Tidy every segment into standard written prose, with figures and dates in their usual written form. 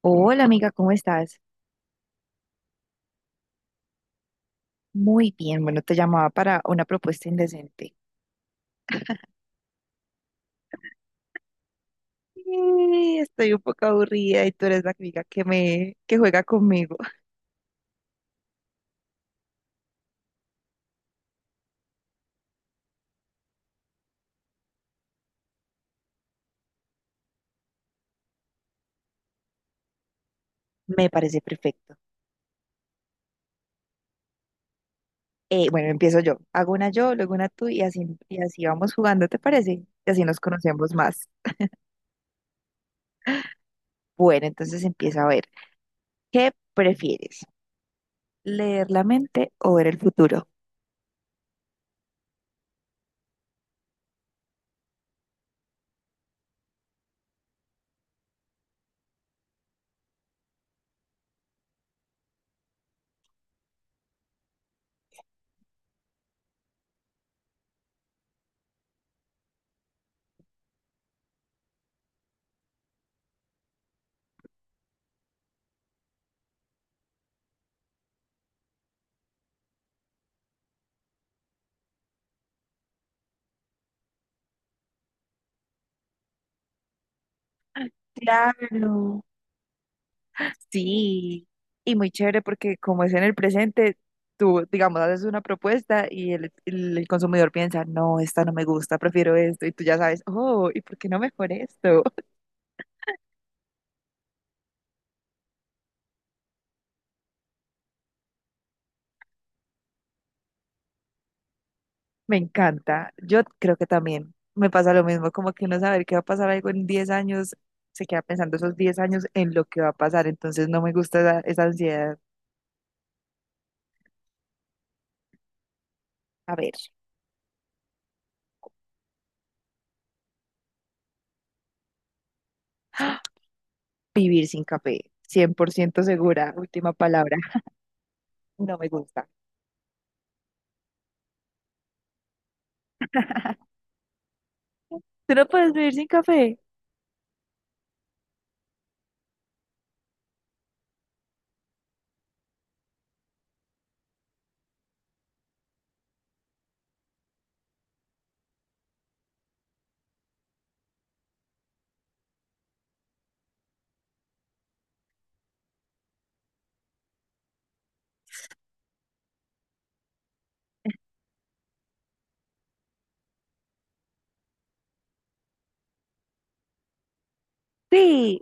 Hola amiga, ¿cómo estás? Muy bien, bueno, te llamaba para una propuesta indecente. Sí, estoy un poco aburrida y tú eres la amiga que juega conmigo. Me parece perfecto. Bueno, empiezo yo. Hago una yo, luego una tú y así vamos jugando, ¿te parece? Y así nos conocemos más. Bueno, entonces empieza a ver. ¿Qué prefieres? ¿Leer la mente o ver el futuro? Claro. Sí, y muy chévere porque como es en el presente, tú, digamos, haces una propuesta y el consumidor piensa, no, esta no me gusta, prefiero esto, y tú ya sabes, oh, ¿y por qué no mejor esto? Me encanta. Yo creo que también me pasa lo mismo, como que uno saber que va a pasar algo en 10 años, se queda pensando esos 10 años en lo que va a pasar, entonces no me gusta esa ansiedad. A ver, ¡ah! Vivir sin café, 100% segura, última palabra, no me gusta. ¿Tú no puedes vivir sin café? Sí.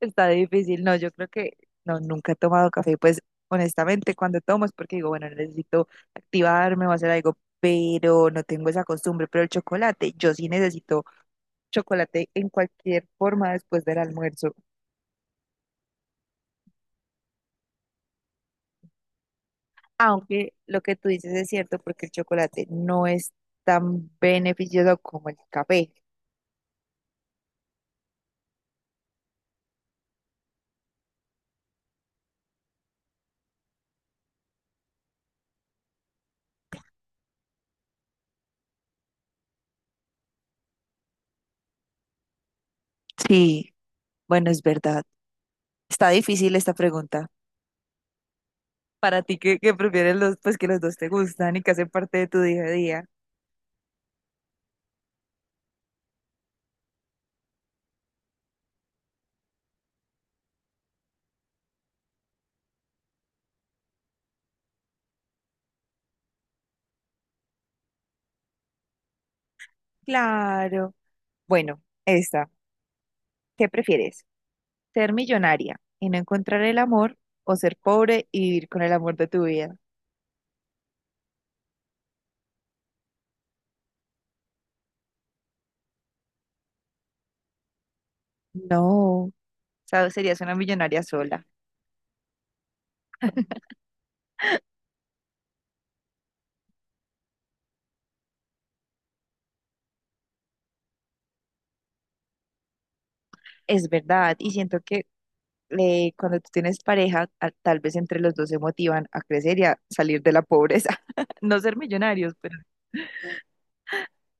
Está difícil, no, yo creo que no, nunca he tomado café, pues honestamente cuando tomo es porque digo, bueno, necesito activarme o hacer algo, pero no tengo esa costumbre, pero el chocolate, yo sí necesito chocolate en cualquier forma después del almuerzo, aunque lo que tú dices es cierto porque el chocolate no es tan beneficioso como el café. Sí, bueno, es verdad. Está difícil esta pregunta. Para ti que prefieres pues que los dos te gustan y que hacen parte de tu día a día. Claro. Bueno, esta. ¿Qué prefieres? ¿Ser millonaria y no encontrar el amor o ser pobre y vivir con el amor de tu vida? No, o sea, serías una millonaria sola. Es verdad, y siento que cuando tú tienes pareja, tal vez entre los dos se motivan a crecer y a salir de la pobreza. No ser millonarios,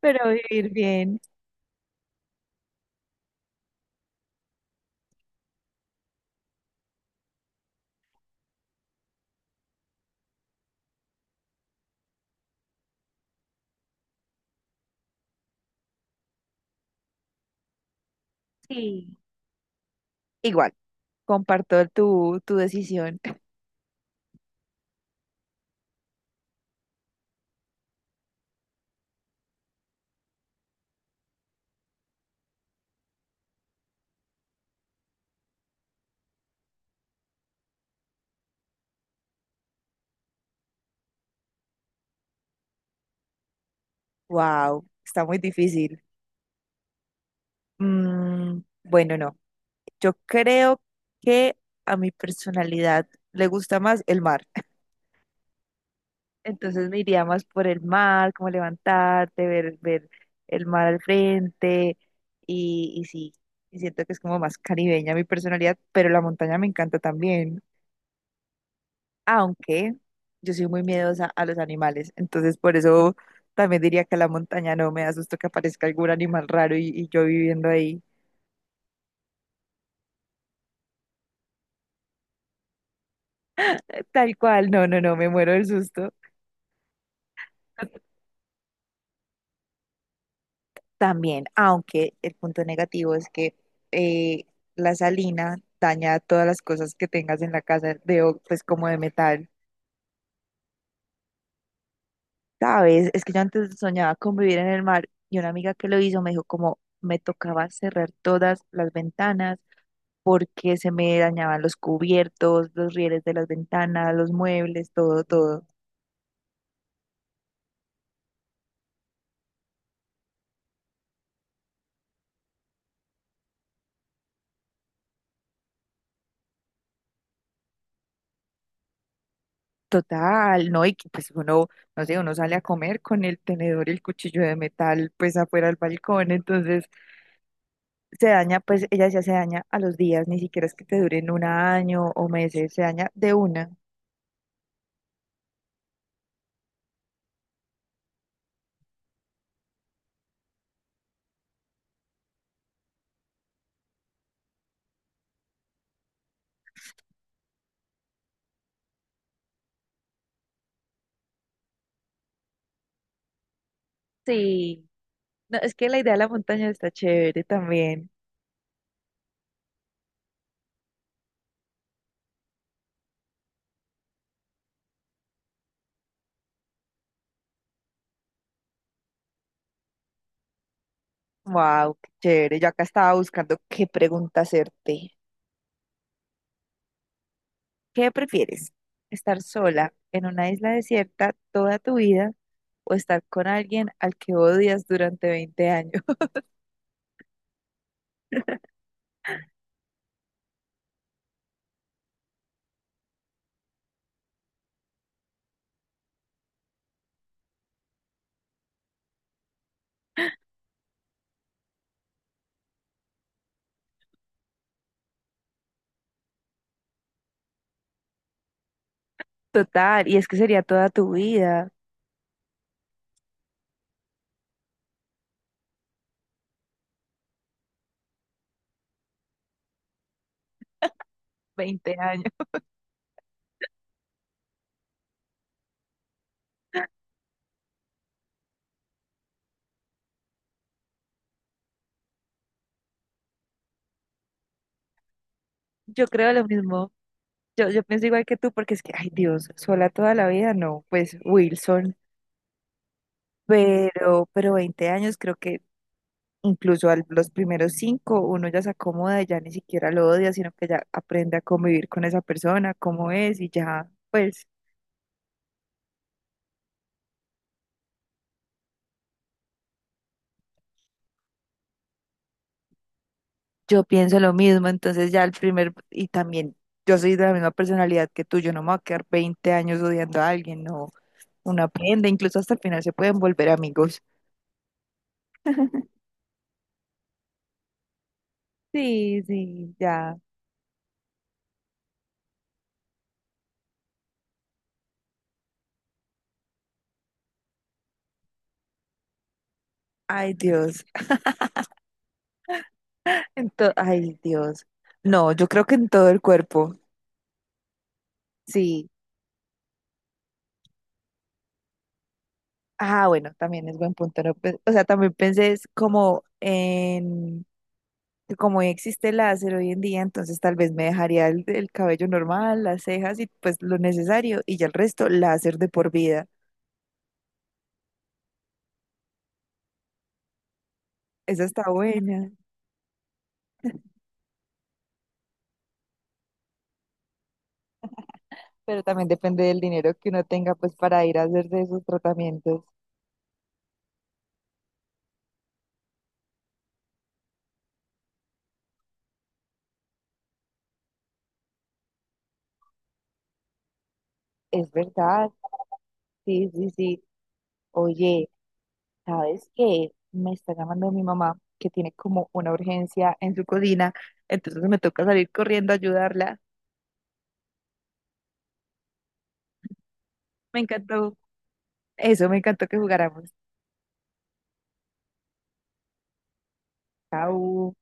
pero vivir bien. Sí. Igual, comparto tu decisión. Wow, está muy difícil. Mm, bueno, no. Yo creo que a mi personalidad le gusta más el mar. Entonces me iría más por el mar, como levantarte, ver el mar al frente y sí, y siento que es como más caribeña mi personalidad, pero la montaña me encanta también, aunque yo soy muy miedosa a los animales, entonces por eso también diría que la montaña no me da susto que aparezca algún animal raro y yo viviendo ahí. Tal cual, no, no, no, me muero del susto. También, aunque el punto negativo es que eh, la salina daña todas las cosas que tengas en la casa, pues como de metal. ¿Sabes? Es que yo antes soñaba con vivir en el mar y una amiga que lo hizo me dijo como me tocaba cerrar todas las ventanas porque se me dañaban los cubiertos, los rieles de las ventanas, los muebles, todo, todo. Total, ¿no? Y que, pues uno, no sé, uno sale a comer con el tenedor y el cuchillo de metal pues afuera al balcón, entonces se daña, pues ella decía se daña a los días, ni siquiera es que te duren un año o meses, se daña de una. Sí. No, es que la idea de la montaña está chévere también. Wow, qué chévere. Yo acá estaba buscando qué pregunta hacerte. ¿Qué prefieres? ¿Estar sola en una isla desierta toda tu vida o estar con alguien al que odias durante 20 años? Total, y es que sería toda tu vida, 20 años. Yo creo lo mismo. Yo pienso igual que tú, porque es que, ay Dios, sola toda la vida, no, pues Wilson, pero 20 años creo que incluso a los primeros cinco uno ya se acomoda, ya ni siquiera lo odia, sino que ya aprende a convivir con esa persona, cómo es y ya, pues yo pienso lo mismo, entonces ya el primer, y también yo soy de la misma personalidad que tú, yo no me voy a quedar 20 años odiando a alguien, no, uno aprende, incluso hasta el final se pueden volver amigos. Sí, sí, ya. Ay, Dios. En to- Ay, Dios. No, yo creo que en todo el cuerpo. Sí. Ah, bueno, también es buen punto, ¿no? Pe- O sea, también pensé es como como existe el láser hoy en día, entonces tal vez me dejaría el cabello normal, las cejas y pues lo necesario y ya el resto láser de por vida. Esa está buena. Pero también depende del dinero que uno tenga pues para ir a hacer de esos tratamientos. Es verdad. Sí, sí, sí. Oye. Sabes que me está llamando mi mamá que tiene como una urgencia en su cocina, entonces me toca salir corriendo a ayudarla. Me encantó eso, me encantó que jugáramos. Chao.